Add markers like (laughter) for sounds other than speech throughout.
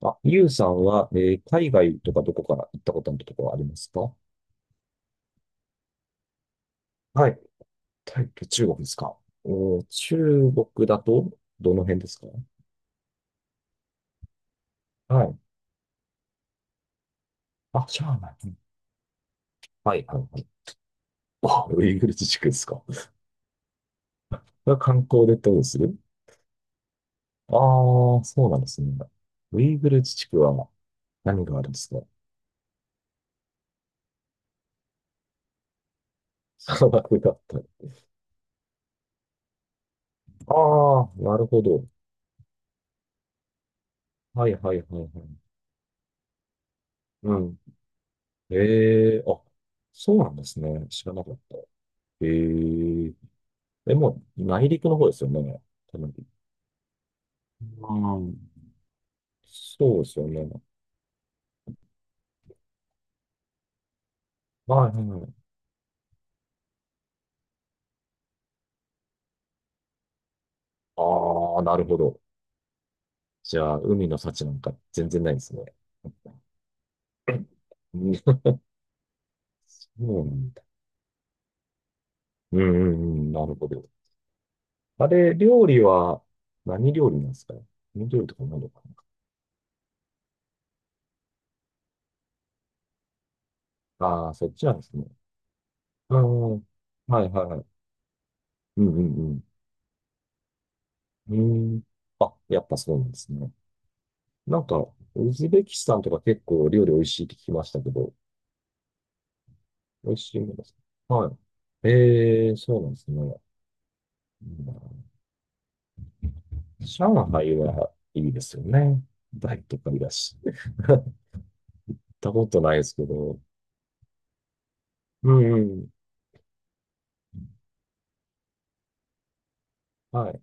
あ、ゆうさんは、海外とかどこから行ったことのところはありますか？はい。タイと中国ですか？おー、中国だと、どの辺ですか？はい。あ、上海。うん。はい、はい、はい。あ、ウイグル自治区ですか。(laughs) が観光でどうする？ああー、そうなんですね。ウイグル自治区は何があるんですか？ (laughs) 砂漠だったり。ああ、なるほど。はい、はい、はい、はい。うん。ええ、あ、そうなんですね。知らなかった。ええ、え、もう内陸の方ですよね。多分。うん。そうですよね。はい、はい、はい。ああ、なるほど。じゃあ、海の幸なんか全然ないですね。うん、そうなんだ。うん、うん、うん、なるほど。あれ、料理は何料理なんですかね？何料理とか何とか。なああー、そっちなんですね。うん。はい、はい、はい。うん、うん、うん。うん。あ、やっぱそうなんですね。なんか、ウズベキスタンとか結構料理美味しいって聞きましたけど、美味しいものです。はい。ええ、そうなんですね。うん。上海はいいですよね。大都会だし。(laughs) 行ったことないですけど。うん、うん。はい。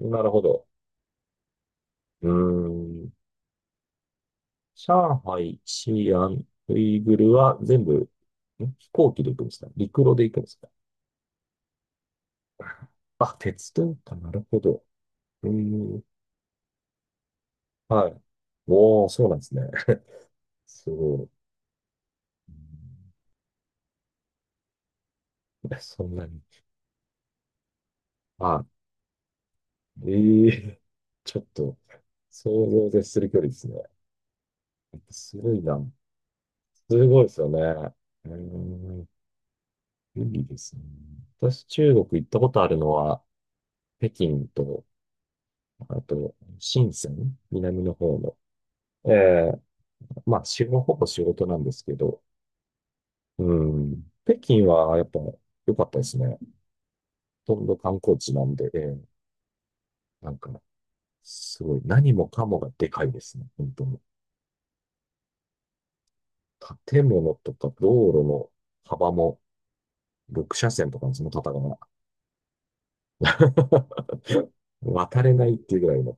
なるほど。うーん。上海、西安、ウイグルは全部、ん、飛行機で行くんですか、陸路で行くんですか？ (laughs) あ、鉄道か。なるほど。うーん。はい。おー、そうなんですね。(laughs) そう、うん。 (laughs) そんなに。はい、ええ、 (laughs) ちょっと想像を絶する距離ですね。すごいな。すごいですよね。うーん、いいですね。私、中国行ったことあるのは、北京と、あと、深セン、南の方の。ええ、まあ、仕事、ほぼ仕事なんですけど、うん、北京はやっぱ良かったですね。ほとんど観光地なんで、ええ、なんか、すごい、何もかもがでかいですね、本当に。建物とか道路の幅も、6車線とかのその方が (laughs) 渡れないっていうぐらいの。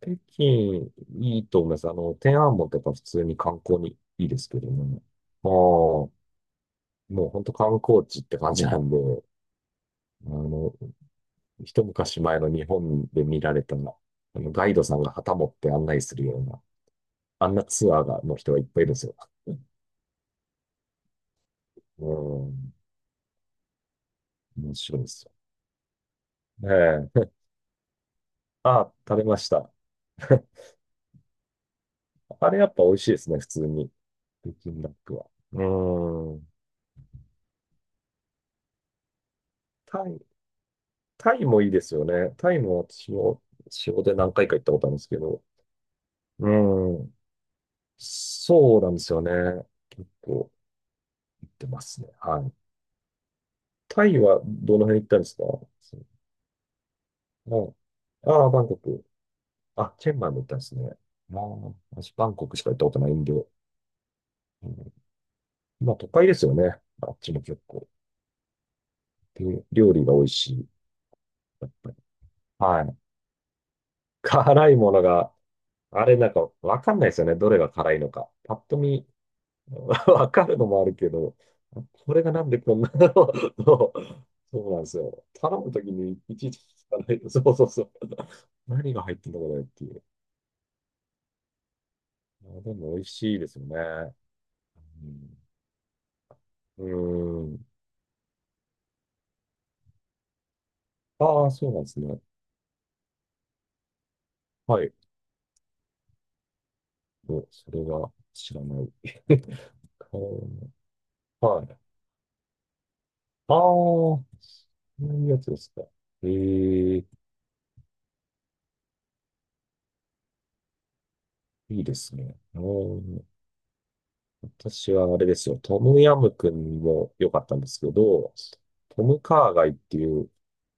北京、いいと思います。あの、天安門とか普通に観光にいいですけどね。もう、もう本当観光地って感じなんで、あの、一昔前の日本で見られたの、あの、ガイドさんが旗持って案内するような、あんなツアーが、の人がいっぱいいるんですよ。うん、面白いですよ。ええ、あ、食べました。(laughs) あれやっぱ美味しいですね、普通に。北京ダックは。うん。タイ、タイもいいですよね。タイも私も仕事で何回か行ったことあるんですけど。うん。そうなんですよね。結構行ってますね。はい。タイはどの辺行ったんですか？そう、ああ、バンコク。あ、チェンマイも行ったんですね。ああ、私バンコクしか行ったことないんで。うん、まあ都会ですよね。あっちも結構。で、料理が美味しい。はい。辛いものが、あれ、わかんないですよね。どれが辛いのか。パッと見。 (laughs) わかるのもあるけど、これがなんでこんなの。 (laughs) そう、そうなんですよ。頼むときにいちいち聞かない。そう、そう、そう。何が入ってんだこれっていう。あ、でも美味しいですよね。うん。うーん。ああ、そうなんですね。はい。お、それは知らない。(laughs) うん。はい。ああ、そういうやつですか。ええ、いいですね。うん。私はあれですよ、トムヤムクンも良かったんですけど、トムカーガイっていう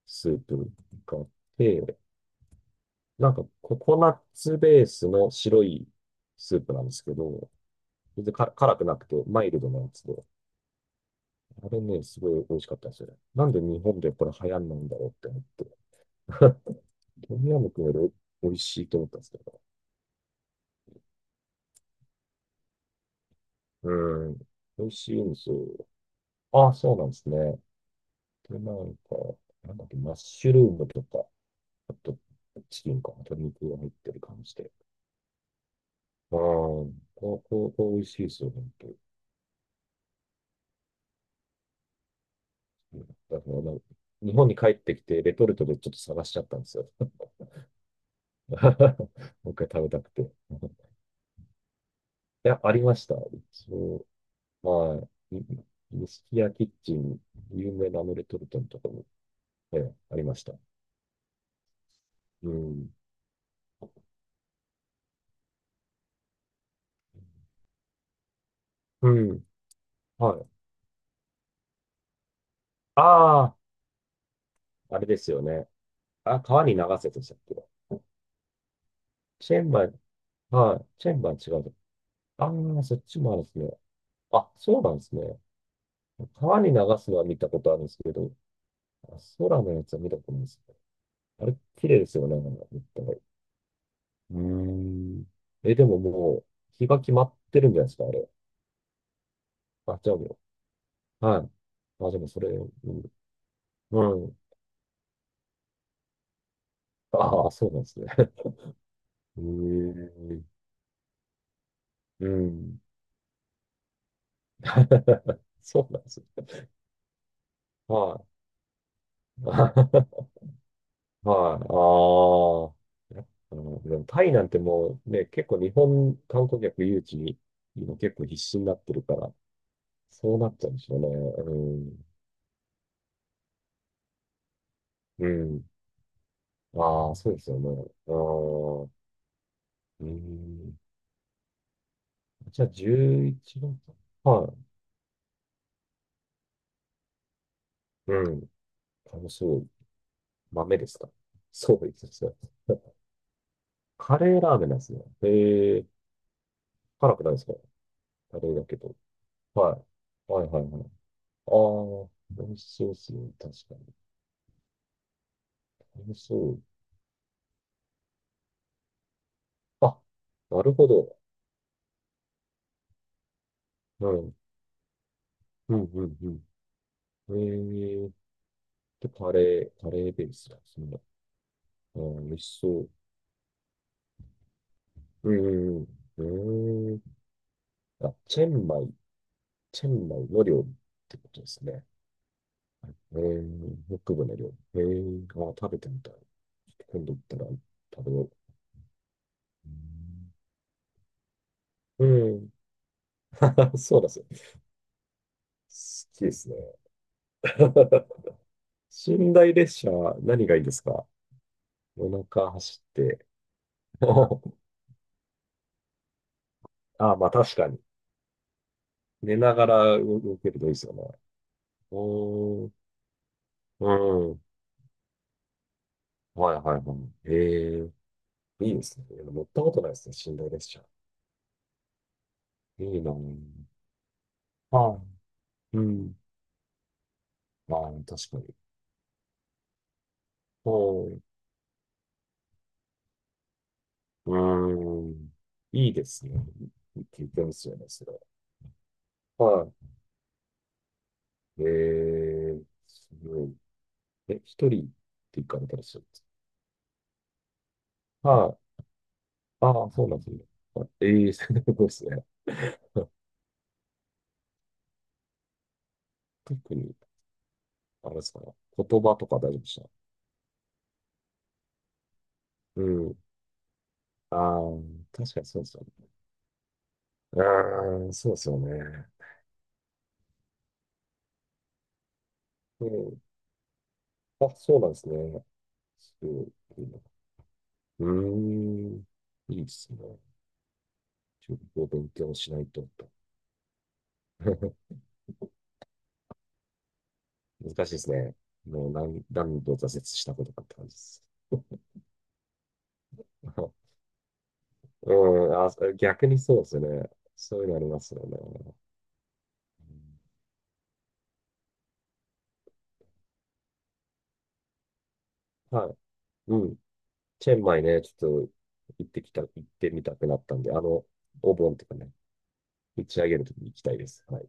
スープがあって、ココナッツベースの白いスープなんですけど、全然か辛くなくてマイルドなやつで、あれね、すごい美味しかったんですよね。なんで日本でこれ流行んないんだろうって思って、トムヤムクンより美味しいと思ったんですけど、うん、美味しいんですよ。あ、そうなんですね。で、なんだっけ、マッシュルームとか、あと、チキンか鶏肉が入ってる感じで。ああ、ここ、こう美味しいですよ、本当に。だからな、日本に帰ってきて、レトルトでちょっと探しちゃったんですよ。(laughs) もう一回食べたくて。(laughs) いや、ありました。一応、まあ、錦屋キッチン、有名なあのレトルトのところも、ええ、ありました。うん。うん。はい。ああ、あれですよね。あ、川に流せでしたっけ？チェンバイ、はい。チェンバイ違うと。ああ、そっちもあるんですね。あ、そうなんですね。川に流すのは見たことあるんですけど、あ、空のやつは見たことないですね。あれ、綺麗ですよね、なんか見た目。うーん。え、でももう、日が決まってるんじゃないですか、あれ。あ、じゃあもう。はい。あ、でもそれ、うん。うん。ああ、そうなんですね。(laughs) うーん。うん。(laughs) そうなんです。はい。(laughs) はい。ああ。やっぱでもタイなんてもうね、結構日本観光客誘致に今結構必死になってるから、そうなっちゃうんでしょうね。うん。うん。ああ、そうですよね。ああ。うん。じゃあ11月。はい。うん。楽しみ。豆ですか？そうですね。(laughs) カレーラーメンなんですね。ええ、辛くないですか？カレーだけど。はい。はい、はい、はい。ああ、美味しそうですね。確かに。楽しい。あ、なるほど。うん。うん、うん、うん。えー、で、カレー、カレーベースだ。そんな。うん、美味しそう。うん、うん、うん。えー、あ、チェンマイ、チェンマイの料理ってことですね。えー、北部の料理。えー、あ、食べてみたい。今度行ったら食べよう。うん。うん。 (laughs) そうなんですよ。好きですね。(laughs) 寝台列車、何がいいですか？お腹走って。(laughs) あ、まあ確かに。寝ながら動けるといいですよね。おーん、うん。はい、はい、はい。ええ、いいですね。乗ったことないですね。寝台列車。いいなぁ。はい。うん。まあ、確かに。はい。うーん。いいですね。経験ですよね、それは。はい。ええ、すごい。え、一人って行かれたりするんですか？はい。ああ、そうなんですね。はい、ええ、(laughs) すごいですね。特に、あれですかね。言葉とか大丈夫でした？うん、ああ、確かにそうですよね。うーん、そうですよね。うん、あ、そうなんですね。そう、うーん、いいですね。中国語を勉強しないとと。(laughs) 難しいですね。もう何、何度挫折したことかって感じです。(laughs) うん、あ、逆にそうですよね。そういうのありますよね。うん、はい。うん。チェンマイね、ちょっと行ってきた、行ってみたくなったんで、あの、お盆とかね、打ち上げるときに行きたいです。はい